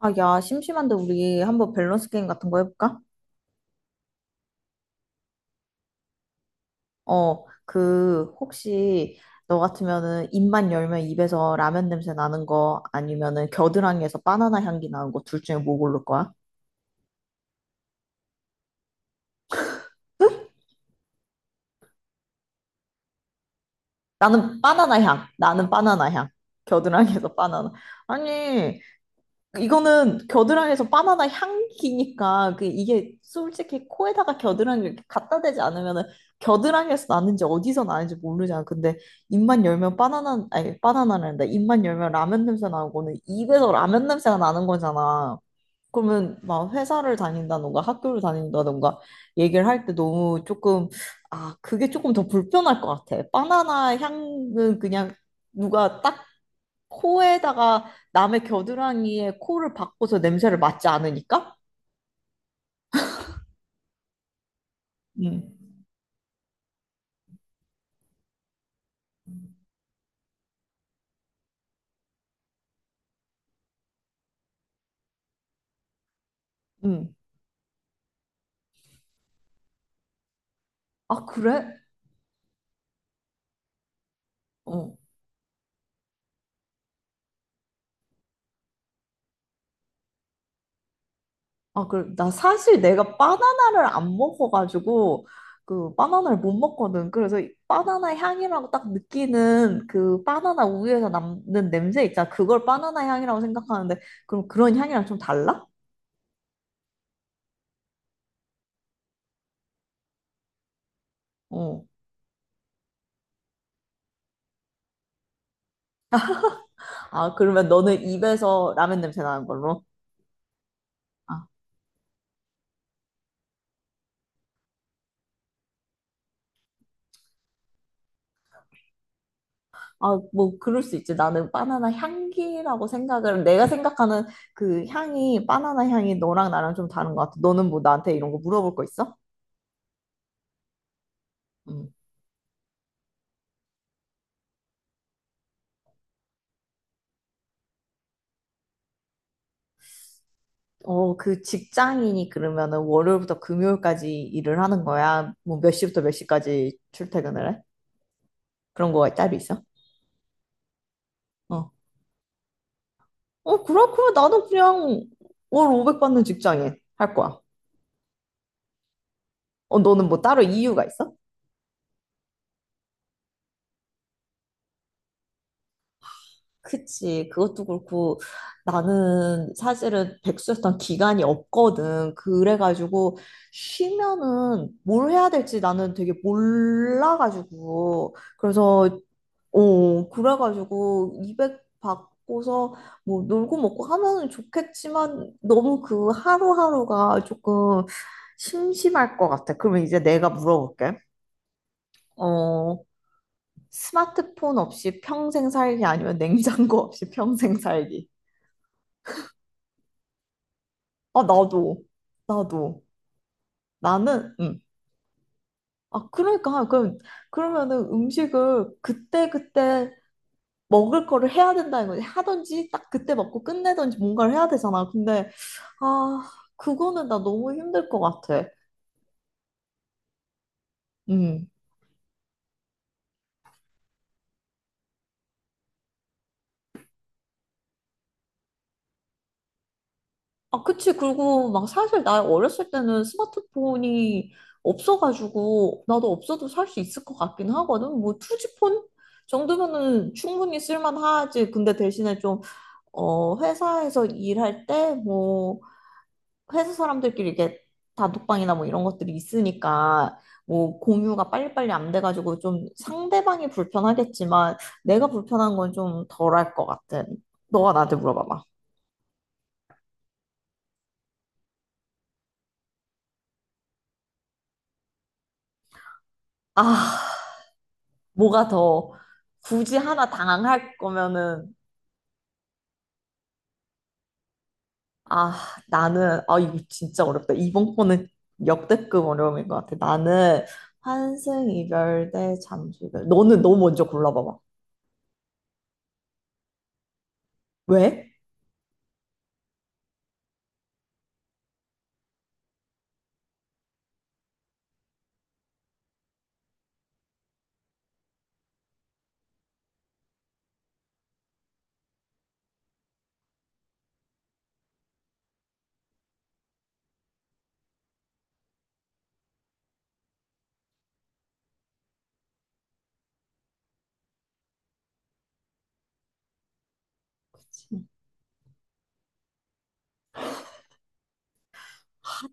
아, 야, 심심한데 우리 한번 밸런스 게임 같은 거 해볼까? 혹시 너 같으면은 입만 열면 입에서 라면 냄새 나는 거 아니면은 겨드랑이에서 바나나 향기 나는 거 둘 중에 뭐 고를 거야? 나는 바나나 향. 나는 바나나 향. 겨드랑이에서 바나나. 아니, 이거는 겨드랑이에서 바나나 향기니까 그 이게 솔직히 코에다가 겨드랑이 이렇게 갖다 대지 않으면은 겨드랑이에서 나는지 어디서 나는지 모르잖아. 근데 입만 열면 바나나 아니 바나나란다. 입만 열면 라면 냄새 나고는 입에서 라면 냄새가 나는 거잖아. 그러면 막 회사를 다닌다던가 학교를 다닌다던가 얘기를 할 때 너무 조금 아 그게 조금 더 불편할 것 같아. 바나나 향은 그냥 누가 딱 코에다가 남의 겨드랑이에 코를 박고서 냄새를 맡지 않으니까? 음. 응. 아, 그래? 어. 아, 그래. 나 사실 내가 바나나를 안 먹어가지고, 그, 바나나를 못 먹거든. 그래서 이 바나나 향이라고 딱 느끼는 그 바나나 우유에서 남는 냄새 있잖아. 그걸 바나나 향이라고 생각하는데, 그럼 그런 향이랑 좀 달라? 어. 아, 그러면 너는 입에서 라면 냄새 나는 걸로? 아. 아, 뭐, 그럴 수 있지. 나는 바나나 향기라고 생각을, 내가 생각하는 그 향이, 바나나 향이 너랑 나랑 좀 다른 것 같아. 너는 뭐 나한테 이런 거 물어볼 거 있어? 응. 어, 그 직장인이 그러면은 월요일부터 금요일까지 일을 하는 거야? 뭐 몇 시부터 몇 시까지 출퇴근을 해? 그런 거가 따로 있어? 어. 어, 그렇구면 나도 그냥 월 500 받는 직장인 할 거야. 어, 너는 뭐 따로 이유가 있어? 그치. 그것도 그렇고 나는 사실은 백수였던 기간이 없거든. 그래가지고 쉬면은 뭘 해야 될지 나는 되게 몰라가지고. 그래서, 어, 그래가지고 200 받고서 뭐 놀고 먹고 하면은 좋겠지만 너무 그 하루하루가 조금 심심할 것 같아. 그러면 이제 내가 물어볼게. 어, 스마트폰 없이 평생 살기 아니면 냉장고 없이 평생 살기. 아, 나도. 나도. 나는, 아, 그러니까. 그럼, 그러면은 음식을 그때그때 먹을 거를 해야 된다는 거지. 하든지, 딱 그때 먹고 끝내든지 뭔가를 해야 되잖아. 근데, 아, 그거는 나 너무 힘들 것 같아. 음. 아, 그치. 그리고 막 사실 나 어렸을 때는 스마트폰이 없어가지고, 나도 없어도 살 수 있을 것 같긴 하거든. 뭐, 투지폰? 정도면은 충분히 쓸만하지. 근데 대신에 좀 어, 회사에서 일할 때, 뭐, 회사 사람들끼리 이렇게 단톡방이나 뭐 이런 것들이 있으니까, 뭐, 공유가 빨리빨리 안 돼가지고 좀 상대방이 불편하겠지만, 내가 불편한 건 좀 덜할 것 같은. 너가 나한테 물어봐봐. 아, 뭐가 더, 굳이 하나 당할 거면은, 아, 나는, 아, 이거 진짜 어렵다. 이번 거는 역대급 어려움인 것 같아. 나는 환승, 이별 대 잠수 이별. 너는 너 먼저 골라봐봐. 왜?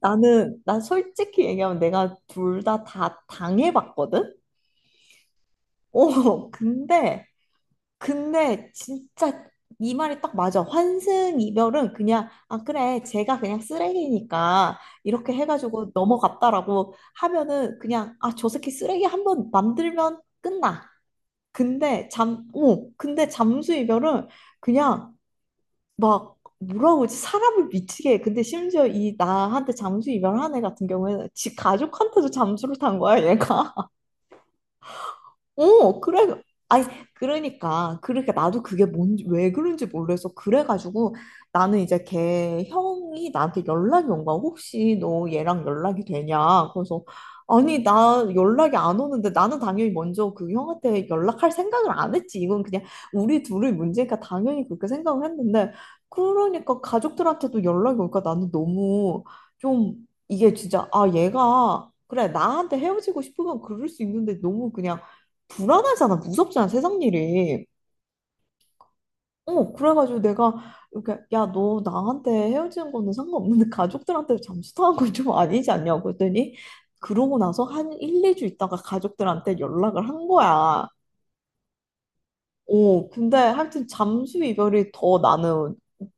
나는, 나 솔직히 얘기하면 내가 둘 다 다 당해봤거든? 어, 근데, 근데 진짜 이 말이 딱 맞아. 환승 이별은 그냥, 아, 그래, 제가 그냥 쓰레기니까 이렇게 해가지고 넘어갔다라고 하면은 그냥, 아, 저 새끼 쓰레기 한 번 만들면 끝나. 근데 근데 잠수 이별은 그냥 막 뭐라 그러지? 사람을 미치게 해. 근데 심지어 이 나한테 잠수 이별한 애 같은 경우에는 지 가족한테도 잠수를 탄 거야, 얘가. 어, 그래. 아니, 그러니까, 그렇게, 나도 그게 뭔지, 왜 그런지 몰라서, 그래가지고, 나는 이제 걔 형이 나한테 연락이 온 거야. 혹시 너 얘랑 연락이 되냐? 그래서, 아니, 나 연락이 안 오는데, 나는 당연히 먼저 그 형한테 연락할 생각을 안 했지. 이건 그냥 우리 둘의 문제니까 당연히 그렇게 생각을 했는데, 그러니까 가족들한테도 연락이 오니까 나는 너무 좀, 이게 진짜, 아, 얘가, 그래, 나한테 헤어지고 싶으면 그럴 수 있는데, 너무 그냥, 불안하잖아. 무섭잖아. 세상 일이. 어, 그래가지고 내가 이렇게 야, 너 나한테 헤어지는 거는 상관없는데 가족들한테 잠수 타는 건 좀 아니지 않냐고 했더니 그러고 나서 한 1, 2주 있다가 가족들한테 연락을 한 거야. 어, 근데 하여튼 잠수 이별이 더 나는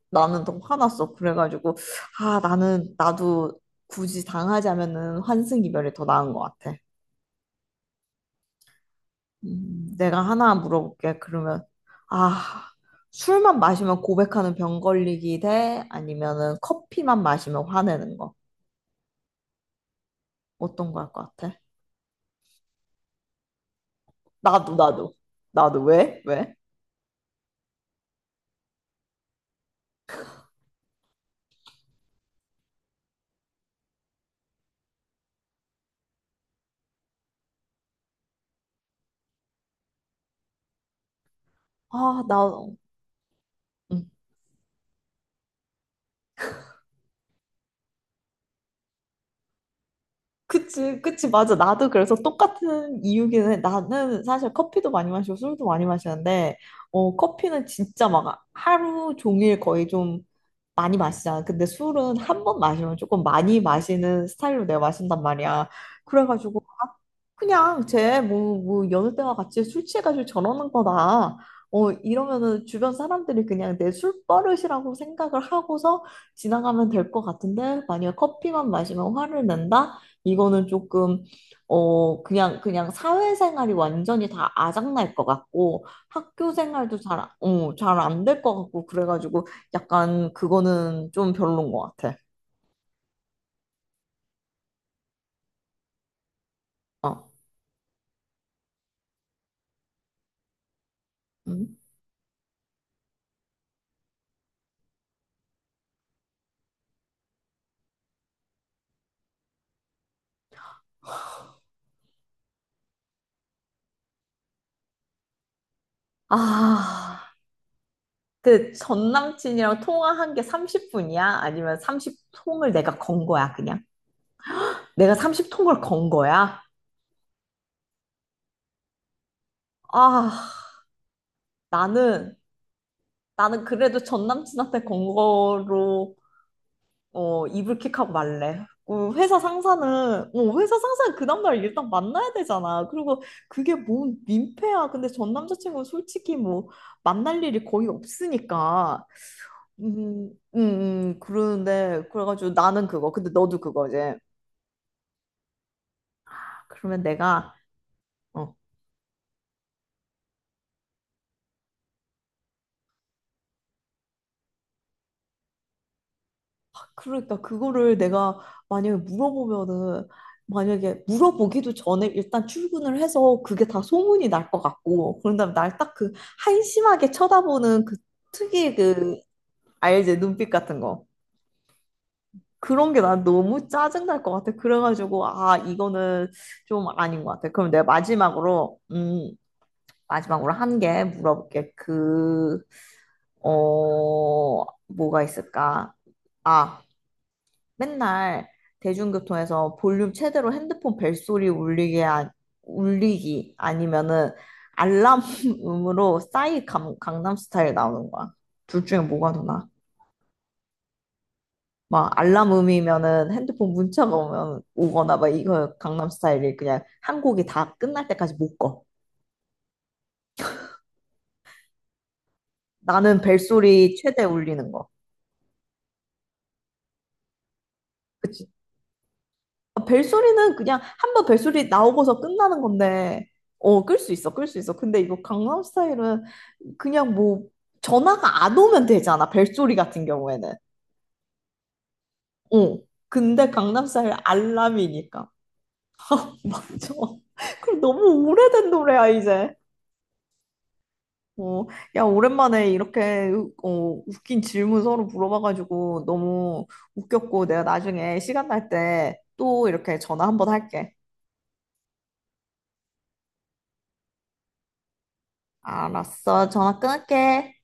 나는 더 화났어. 그래가지고 아, 나는 나도 굳이 당하자면은 환승 이별이 더 나은 것 같아. 내가 하나 물어볼게. 그러면, 아, 술만 마시면 고백하는 병 걸리기 대 아니면은 커피만 마시면 화내는 거. 어떤 거 할 것 같아? 나도, 나도. 나도. 왜? 왜? 아, 나도. 그치, 그치, 맞아. 나도 그래서 똑같은 이유기는 해. 나는 사실 커피도 많이 마시고 술도 많이 마시는데, 어, 커피는 진짜 막 하루 종일 거의 좀 많이 마시잖아. 근데 술은 한 번 마시면 조금 많이 마시는 스타일로 내가 마신단 말이야. 그래가지고 그냥 쟤 뭐 여느 때와 같이 술 취해가지고 저러는 거다. 어, 이러면은 주변 사람들이 그냥 내 술버릇이라고 생각을 하고서 지나가면 될 것 같은데 만약 커피만 마시면 화를 낸다? 이거는 조금 어 그냥 사회생활이 완전히 다 아작날 것 같고 학교 생활도 잘, 안- 어, 잘 안 될 것 같고 그래가지고 약간 그거는 좀 별론 것 같아. 어. 음. 아. 그 전 남친이랑 통화한 게 30분이야? 아니면 30통을 내가 건 거야, 그냥? 내가 30통을 건 거야? 아, 나는, 나는 그래도 전 남친한테 건 거로, 어, 이불킥하고 말래. 어, 회사 상사는 그 다음날 일단 만나야 되잖아. 그리고 그게 뭔 민폐야. 근데 전 남자친구는 솔직히 뭐, 만날 일이 거의 없으니까. 그러는데, 그래가지고 나는 그거. 근데 너도 그거지. 그러면 내가 어 그러니까 그거를 내가 만약에 물어보면은 만약에 물어보기도 전에 일단 출근을 해서 그게 다 소문이 날 것 같고 그런 다음에 날 딱 그 한심하게 쳐다보는 그 특유의 그 알지 눈빛 같은 거 그런 게 난 너무 짜증 날 것 같아 그래가지고 아 이거는 좀 아닌 것 같아 그럼 내가 마지막으로 마지막으로 한 개 물어볼게 그 어 뭐가 있을까 아 맨날 대중교통에서 볼륨 최대로 핸드폰 벨소리 울리게, 울리기 아니면은 알람음으로 강남 스타일 나오는 거야. 둘 중에 뭐가 더 나아? 막 알람음이면은 핸드폰 문자가 오면 오거나 막 이거 강남 스타일이 그냥 한 곡이 다 끝날 때까지 못 꺼. 나는 벨소리 최대 울리는 거. 아, 벨소리는 그냥 한번 벨소리 나오고서 끝나는 건데, 어, 끌 수 있어. 근데 이거 강남 스타일은 그냥 뭐 전화가 안 오면 되잖아, 벨소리 같은 경우에는. 어. 근데 강남 스타일 알람이니까. 맞아. 그리고 너무 오래된 노래야, 이제. 어, 야, 오랜만에 이렇게 어, 웃긴 질문 서로 물어봐가지고 너무 웃겼고 내가 나중에 시간 날 때 또 이렇게 전화 한번 할게. 알았어, 전화 끊을게.